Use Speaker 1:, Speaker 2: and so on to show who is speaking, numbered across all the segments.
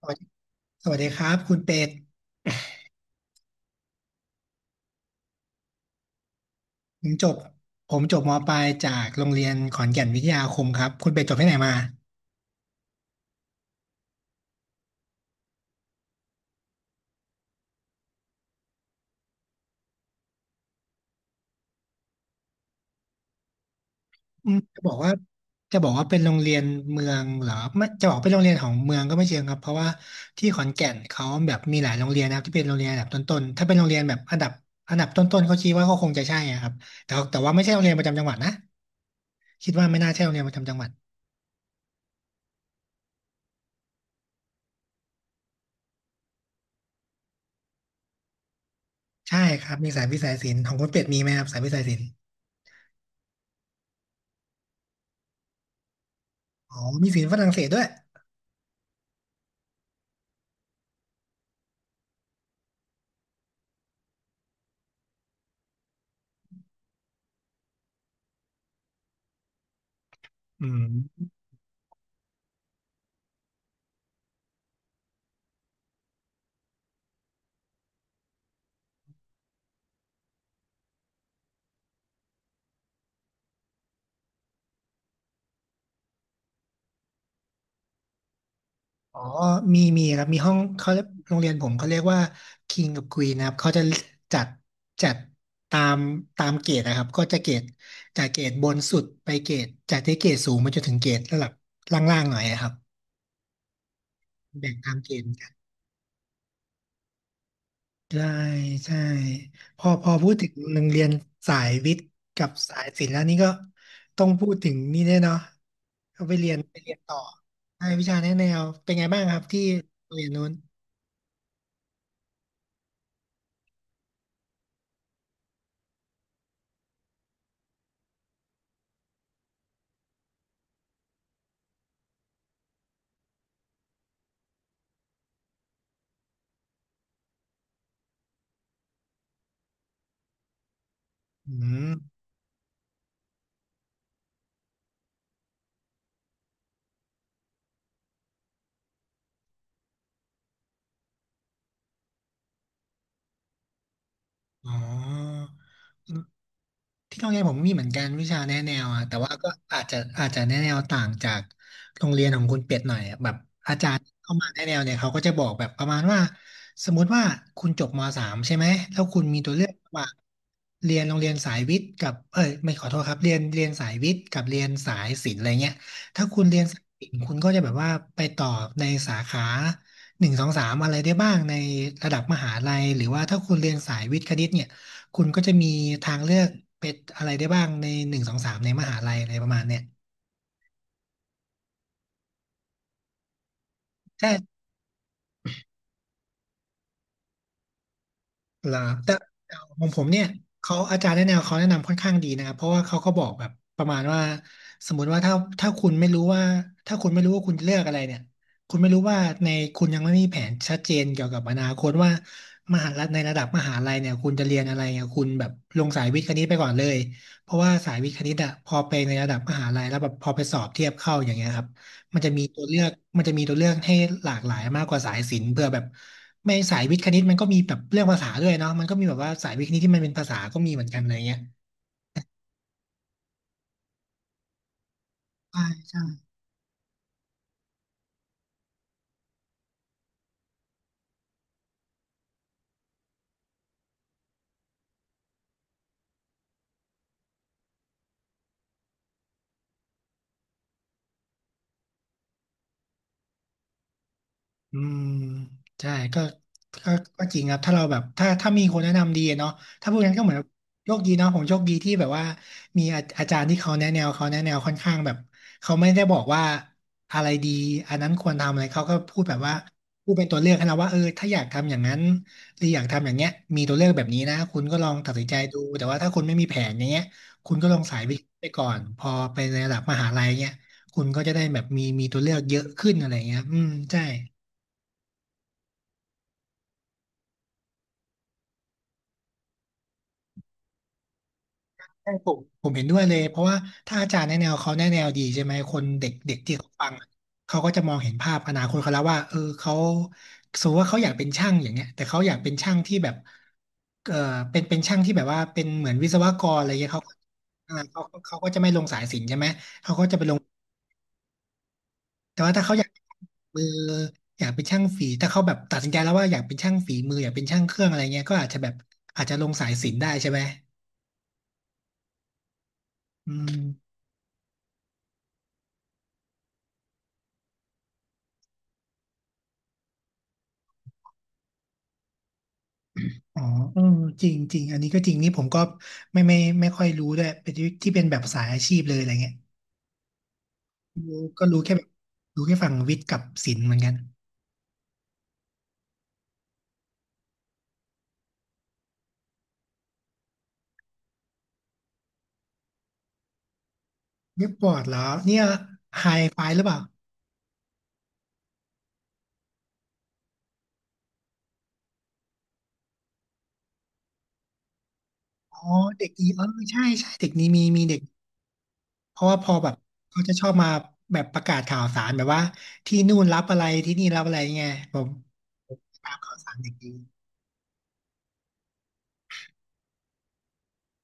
Speaker 1: สวัสดีสวัสดีครับคุณเป็ดผมจบผมจบมปลายจากโรงเรียนขอนแก่นวิทยาคมครับคุณเป็ดจบที่ไหนมาอืมจะบอกว่าเป็นโรงเรียนเมืองเหรอไม่จะบอกเป็นโรงเรียนของเมืองก็ไม่เชิงครับเพราะว่าที่ขอนแก่นเขาแบบมีหลายโรงเรียนนะครับที่เป็นโรงเรียนอันดับต้นๆถ้าเป็นโรงเรียนแบบอันดับต้นๆเขาคิดว่าก็คงจะใช่อะครับแต่ว่าไม่ใช่โรงเรียนประจำจังหวัดนะคิดว่าไม่น่าใช่โรงเรียนประจำจังหวัดใช่ครับมีสายวิทย์สายศิลป์ของคุณเป็ดมีไหมครับสายวิทย์สายศิลป์อ๋อมีศิลป์ฝรั่งเศสด้วยอืม อ๋อมีครับมีห้องเขาเรียกโรงเรียนผมเขาเรียกว่า King กับ Queen นะครับเขาจะจัดจัดตามตามเกรดนะครับก็จะเกรดจากเกรดบนสุดไปเกรดจากที่เกรดสูงมาจนถึงเกรดระดับล่างๆหน่อยนะครับแบ่งตามเกรดกันใช่ใช่พอพูดถึงโรงเรียนสายวิทย์กับสายศิลป์แล้วนี่ก็ต้องพูดถึงนี่แน่เนาะก็ไปเรียนต่อใช่วิชาแนะแนวเป็นไงบ้างครับที่โรงเรียนนู้นอืมอ๋อ ที่โรงเรียนผมมีเหมือนกันวิชาแนะแนวอะแต่ว่าก็อาจจะแนะแนวต่างจากโรงเรียนของคุณเป็ดหน่อยอะแบบอาจารย์เข้ามาแนะแนวเนี่ยเขาก็จะบอกแบบประมาณว่าสมมุติว่าคุณจบมสามใช่ไหมแล้วคุณมีตัวเลือกระหว่างเรียนโรงเรียนสายวิทย์กับเอ้ยไม่ขอโทษครับเรียนสายวิทย์กับเรียนสายศิลป์อะไรเงี้ยถ้าคุณเรียนสายศิลป์คุณก็จะแบบว่าไปต่อในสาขาหนึ่งสองสามอะไรได้บ้างในระดับมหาลัยหรือว่าถ้าคุณเรียนสายวิทย์คณิตเนี่ย คุณก็จะมีทางเลือกเป็นอะไรได้บ้างในหนึ่งสองสามในมหาลัยอะไรประมาณเนี่ยใช่เหรอแต่ของผมเนี่ยเขาอาจารย์แนะแนวเขาแนะนำค่อนข้างดีนะครับเพราะว่าเขาก็บอกแบบประมาณว่าสมมติว่าถ้าคุณไม่รู้ว่าถ้าคุณไม่รู้ว่าคุณจะเลือกอะไรเนี่ยคุณไม่รู้ว่าในคุณยังไม่มีแผนชัดเจนเกี่ยวกับอนาคตว่ามหาลัยในระดับมหาลัยเนี่ยคุณจะเรียนอะไรเนี่ยคุณแบบลงสายวิทย์คณิตไปก่อนเลยเพราะว่าสายวิทย์คณิตอะพอไปในระดับมหาลัยแล้วแบบพอไปสอบเทียบเข้าอย่างเงี้ยครับ มันจะมีตัวเลือกมันจะมีตัวเลือกให้หลากหลายมากกว่าสายศิลป์เพื่อแบบไม่สายวิทย์คณิตมันก็มีแบบเรื่องภาษาด้วยเนาะมันก็มีแบบว่าสายวิทย์คณิตที่มันเป็นภาษาก็มีเหมือนกันอะไรเงี้ยใช่ใช่ อืมใช่ก็ก็จริงครับถ้าเราแบบถ้ามีคนแนะนำดีเนาะถ้าพูดงั้นก็เหมือนโชคดีเนาะผมโชคดีที่แบบว่ามีอาอาจารย์ที่เขาแนะแนวเขาแนะแนวค่อนข้างแบบเขาไม่ได้บอกว่าอะไรดีอันนั้นควรทำอะไรเขาก็พูดแบบว่าพูดเป็นตัวเลือกให้เราว่าเออถ้าอยากทำอย่างนั้นหรืออยากทำอย่างเงี้ยมีตัวเลือกแบบนี้นะคุณก็ลองตัดสินใจดูแต่ว่าถ้าคุณไม่มีแผนอย่างเงี้ยคุณก็ลองสายวิทย์ไปก่อนพอไประดับมหาลัยเงี้ยคุณก็จะได้แบบมีตัวเลือกเยอะขึ้นอะไรเงี้ยอืมใช่ ใช่ผมเห็นด้วยเลยเพราะว่าถ้าอาจารย์แนะแนวเขาแนะแนวดีใช่ไหมคนเด็กเด็กที่เขาฟังอะเขาก็จะมองเห็นภาพอนาคตเขาแล้วว่าเออเขาสมมติว่าเขาอยากเป็นช่างอย่างเงี้ยแต่เขาอยากเป็นช่างที่แบบเออเป็นช่างที่แบบว่าเป็นเหมือนวิศวกรอะไรเงี้ยเขาอ่าเขาก็จะไม่ลงสายศิลป์ใช่ไหมแต่ว่าถ้าเขาอยากเป็นมืออยากเป็นช่างฝีถ้าเขาแบบตัดสินใจแล้วว่าอยากเป็นช่างฝีมืออยากเป็นช่างเครื่องอะไรเงี้ยก็อาจจะแบบอาจจะลงสายศิลป์ได้ใช่ไหมอืม อ๋อเออจริงจริงอันนี้ก็จริงนี่ผมก็ไม่ค่อยรู้ด้วยเป็นที่ที่เป็นแบบสายอาชีพเลยอะไรเงี้ยรู้ก็รู้แค่แบบรู้แค่ฝั่งวิทย์กับศิลป์เหมือนกันเว็บบอร์ดเหรอเนี่ยไฮไฟหรือเปล่าอ๋อเด็กดีเออใช่ใช่เด็กนี้มีเด็กเพราะว่าพอแบบเขาจะชอบมาแบบประกาศข่าวสารแบบว่าที่นู่นรับอะไรที่นี่รับอะไรไงผมผมตามข่าวสารเด็กดี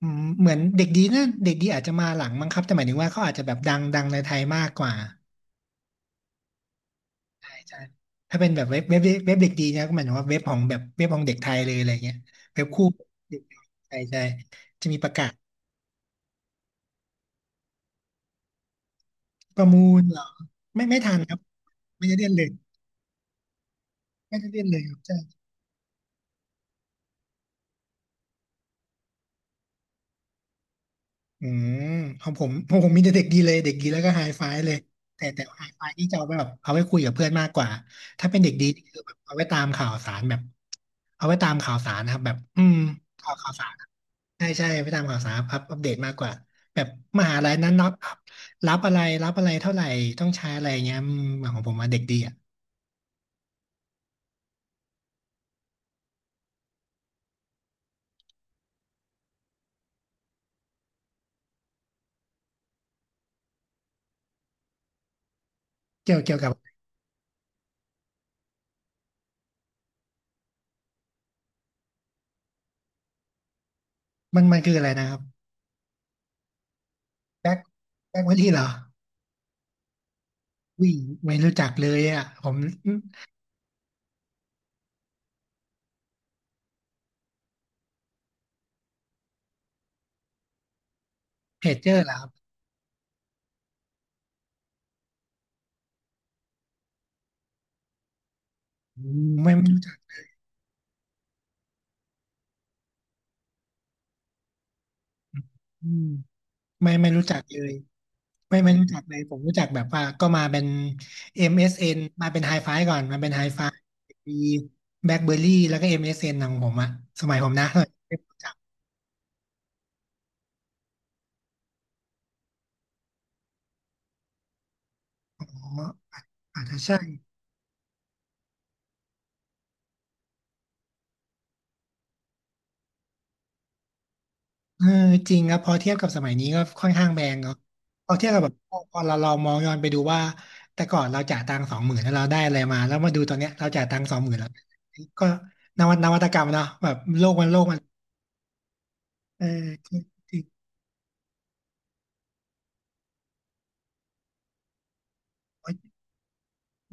Speaker 1: อืมเหมือนเด็กดีนะเด็กดีอาจจะมาหลังมั้งครับแต่หมายถึงว่าเขาอาจจะแบบดังดังในไทยมากกว่า ใช่ใช่ถ้าเป็นแบบเว็บเด็กดีนะก็หมายถึงว่าเว็บของแบบเว็บของเด็กไทยเลยอะไรเงี้ยเว็บคู่เด็กไทยใช่จะมีประกาศประมูลเหรอไม่ทันครับไม่ได้เล่นเลยไม่ได้เล่นเลยครับใช่อืมของผมมีแต่เด็กดีเลยเด็กดีแล้วก็ไฮไฟเลยแต่ไฮไฟที่จะเอาไปแบบเอาไว้คุยกับเพื่อนมากกว่าถ้าเป็นเด็กดีนี่คือแบบเอาไว้ตามข่าวสารแบบเอาไว้ตามข่าวสารนะครับแบบอืมข่าวข่าวสาร ใช่ใช่ไปตามข่าวสารอัพอัปเดตมากกว่าแบบมหาลัยนั้นรับรับอะไรรับอะไรเท่าไหร่ต้องใช้อะไรเงี้ยอืมของผมมาเด็กดีอ่ะเกี่ยวกับมันคืออะไรนะครับแบ็คแบ็คไวที่เหรอวิ่งไม่รู้จักเลยอ่ะผมเพจเจอร์เหรอครับอืมไม่รู้จักอืมไม่รู้จักเลยไม่รู้จักเลยผมรู้จักแบบว่าก็มาเป็น MSN มเอสเอ็นมาเป็นไฮไฟก่อนมาเป็นไฮไฟมีแบล็คเบอร์รี่แล้วก็ MSN ของผมอะสมัยผมนะสมัยไม่รู้จัก อาจจะใช่เออจริงครับพอเทียบกับสมัยนี้ก็ค่อนข้างแพงครับพอเทียบกับแบบพอเรามองย้อนไปดูว่าแต่ก่อนเราจ่ายตังค์สองหมื่นแล้วเราได้อะไรมาแล้วมาดูตอนเนี้ยเราจ่ายตังค์สองหมื่นแล้วก็นวัตกรรมเนาะแบบโลกมันเออคือคือ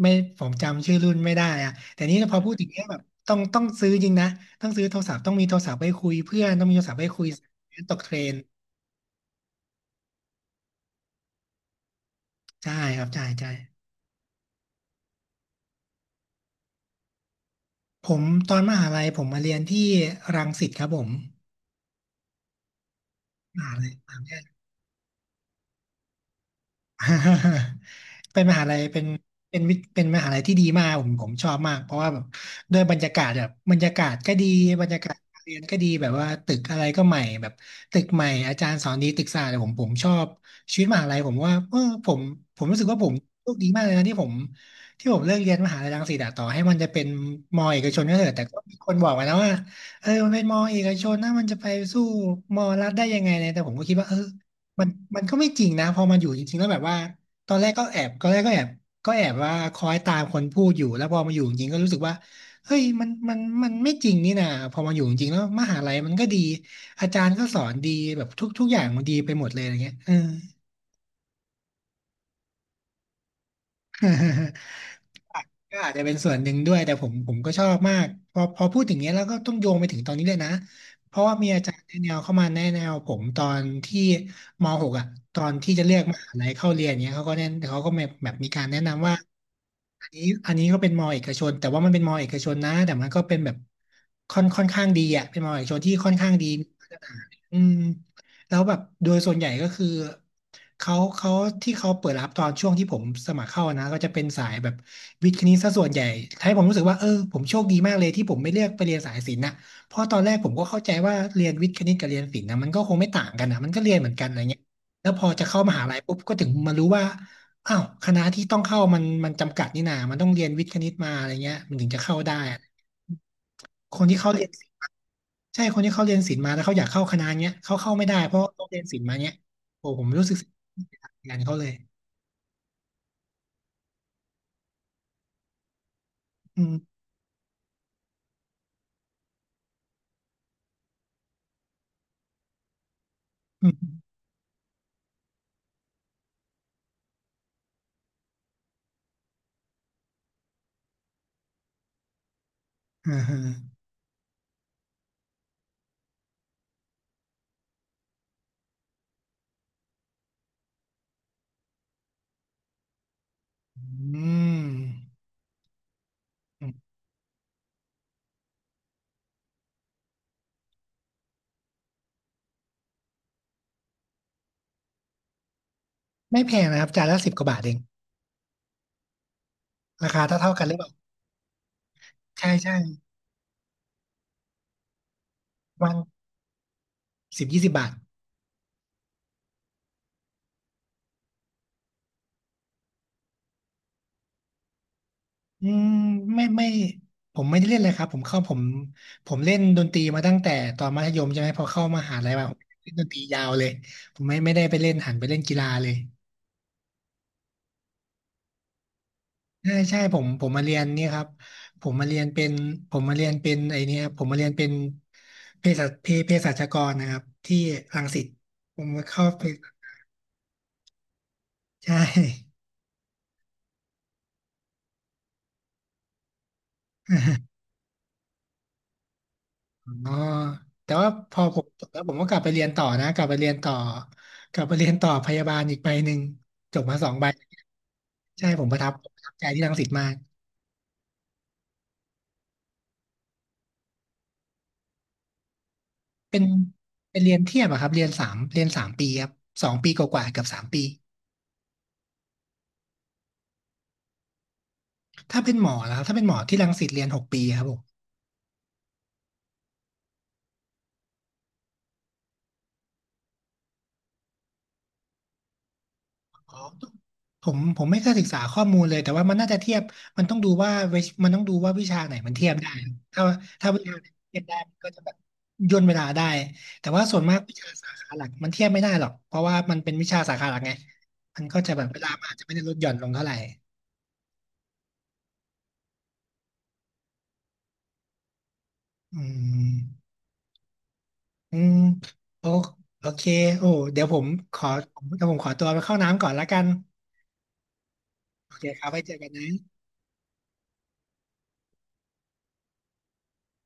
Speaker 1: ไม่ผมจำชื่อรุ่นไม่ได้อะแต่นี่พอพูดถึงเนี้ยแบบต้องซื้อจริงนะต้องซื้อโทรศัพท์ต้องมีโทรศัพท์ไปคุยเพื่อนต้องมีโทรศัพท์ไปคุยตกเทรนใช่ครับใช่ใช่ผมตอนมหาลัยผมมาเรียนที่รังสิตครับผม มหาลัย เป็นมหาลัยเป็นมหาลัยที่ดีมากผมชอบมากเพราะว่าแบบด้วยบรรยากาศแบบบรรยากาศก็ดีบรรยากาศการเรียนก็ดีแบบว่าตึกอะไรก็ใหม่แบบตึกใหม่อาจารย์สอนดีตึกสะอาดผมชอบชีวิตมหาลัยผมว่าเออผมผมรู้สึกว่าผมโชคดีมากเลยนะที่ผมเลือกเรียนมหาลัยรังสิตอะต่อให้มันจะเป็นมอเอกชนก็เถอะแต่ก็มีคนบอกมานะว่าเออมันเป็นมอเอกชนนะมันจะไปสู้มอรัฐได้ยังไงเนี่ยแต่ผมก็คิดว่าเออ มันมันก็ไม่จริงนะพอมันอยู่จริงๆแล้วแบบว่าตอนแรกก็แอบว่าคอยตามคนพูดอยู่แล้วพอมาอยู่จริงๆก็รู้สึกว่าเฮ้ยมันไม่จริงนี่นะพอมาอยู่จริงๆแล้วมหาลัยมันก็ดีอาจารย์ก็สอนดีแบบทุกอย่างมันดีไปหมดเลยอะไรเงี้ยเออ ก็อาจจะเป็นส่วนหนึ่งด้วยแต่ผมก็ชอบมากพอพูดถึงเนี้ยแล้วก็ต้องโยงไปถึงตอนนี้เลยนะเพราะว่ามีอาจารย์แนะแนวเข้ามาแนะแนวผมตอนที่มหกอ่ะตอนที่จะเลือกมหาลัยเข้าเรียนเนี้ยเขาก็แนะเขาก็แบบแบบมีการแนะนำว่าอันนี้อันนี้ก็เป็นมอเอกชนแต่ว่ามันเป็นมอเอกชนนะแต่มันก็เป็นแบบค่อนข้างดีอ่ะเป็นมอเอกชนที่ค่อนข้างดี อืมแล้วแบบโดยส่วนใหญ่ก็คือเขาที่เขาเปิดรับตอนช่วงที่ผมสมัครเข้านะก็จะเป็นสายแบบวิทย์คณิตซะส่วนใหญ่ให้ผมรู้สึกว่าเออผมโชคดีมากเลยที่ผมไม่เลือกไปเรียนสายศิลป์นะเพราะตอนแรกผมก็เข้าใจว่าเรียนวิทย์คณิตกับเรียนศิลป์นะมันก็คงไม่ต่างกันนะมันก็เรียนเหมือนกันอะไรเงี้ยแล้วพอจะเข้ามหาลัยปุ๊บก็ถึงมารู้ว่า อ้าวคณะที่ต้องเข้ามันจำกัดนี่นามันต้องเรียนวิทย์คณิตมาอะไรเงี้ยมันถึงจะเข้าได้อะคนที่เขาเรียนใช่คนที่เขาเรียนศิลป์มาแล้วเขาอยากเข้าคณะเนี้ยเขาเข้าไม่ได้เพราะเขาเรียนศิลป์มาเนี้ยโอ้ผมรู้สึกเสียดายงานเขาเลยอืมอืมอ่าฮะอืมอืมไม่แพงนะครับจานละสิบกว่าบาทเองราคาเท่าเท่ากันหรือเปล่าใช่ใช่วันสิบยี่สิบบาท อืมไม่ไม่ผมไม่ได้เล่นเลยครับผมเข้าผมเล่นดนตรีมาตั้งแต่ตอนมัธยมใช่ไหมพอเข้ามหาลัยมาผมเล่นดนตรียาวเลยผมไม่ได้ไปเล่นหันไปเล่นกีฬาเลยใช่ใช่ผมมาเรียนเนี่ยครับผมมาเรียนเป็นผมมาเรียนเป็นไอเนี่ยผมมาเรียนเป็นเภสัชกรนะครับที่รังสิตผมมาเข้าใช่ อ๋อแต่ว่าพอผมจบแล้วผมก็กลับไปเรียนต่อนะ กลับไปเรียนต่อ กลับไปเรียนต่อพยาบาลอีกใบหนึ่งจบมา2 ใบใช่ผมประทับใจที่รังสิตมากเป็นเป็นเรียนเทียบอะครับเรียนสามปีครับ2 ปีกว่าๆเกือบสามปีถ้าเป็นหมอแล้วครับถ้าเป็นหมอที่รังสิตเรียน6 ปีครับผม อ๋อผมไม่เคยศึกษาข้อมูลเลยแต่ว่ามันน่าจะเทียบมันต้องดูว่าวิมันต้องดูว่าวิชาไหนมันเทียบได้ถ้าถ้าวิชาไหนเทียบได้มันก็จะแบบย่นเวลาได้แต่ว่าส่วนมากวิชาสาขาหลักมันเทียบไม่ได้หรอกเพราะว่ามันเป็นวิชาสาขาหลักไงมันก็จะแบบเวลามันอาจจะไม่ได้ลดหย่อนลงเท่าไหร่อืมอืมโอโอเคโอ้เดี๋ยวผมขอเดี๋ยวผมขอตัวไปเข้าน้ำก่อนละกันโอเคครับไว้เจอกันนะ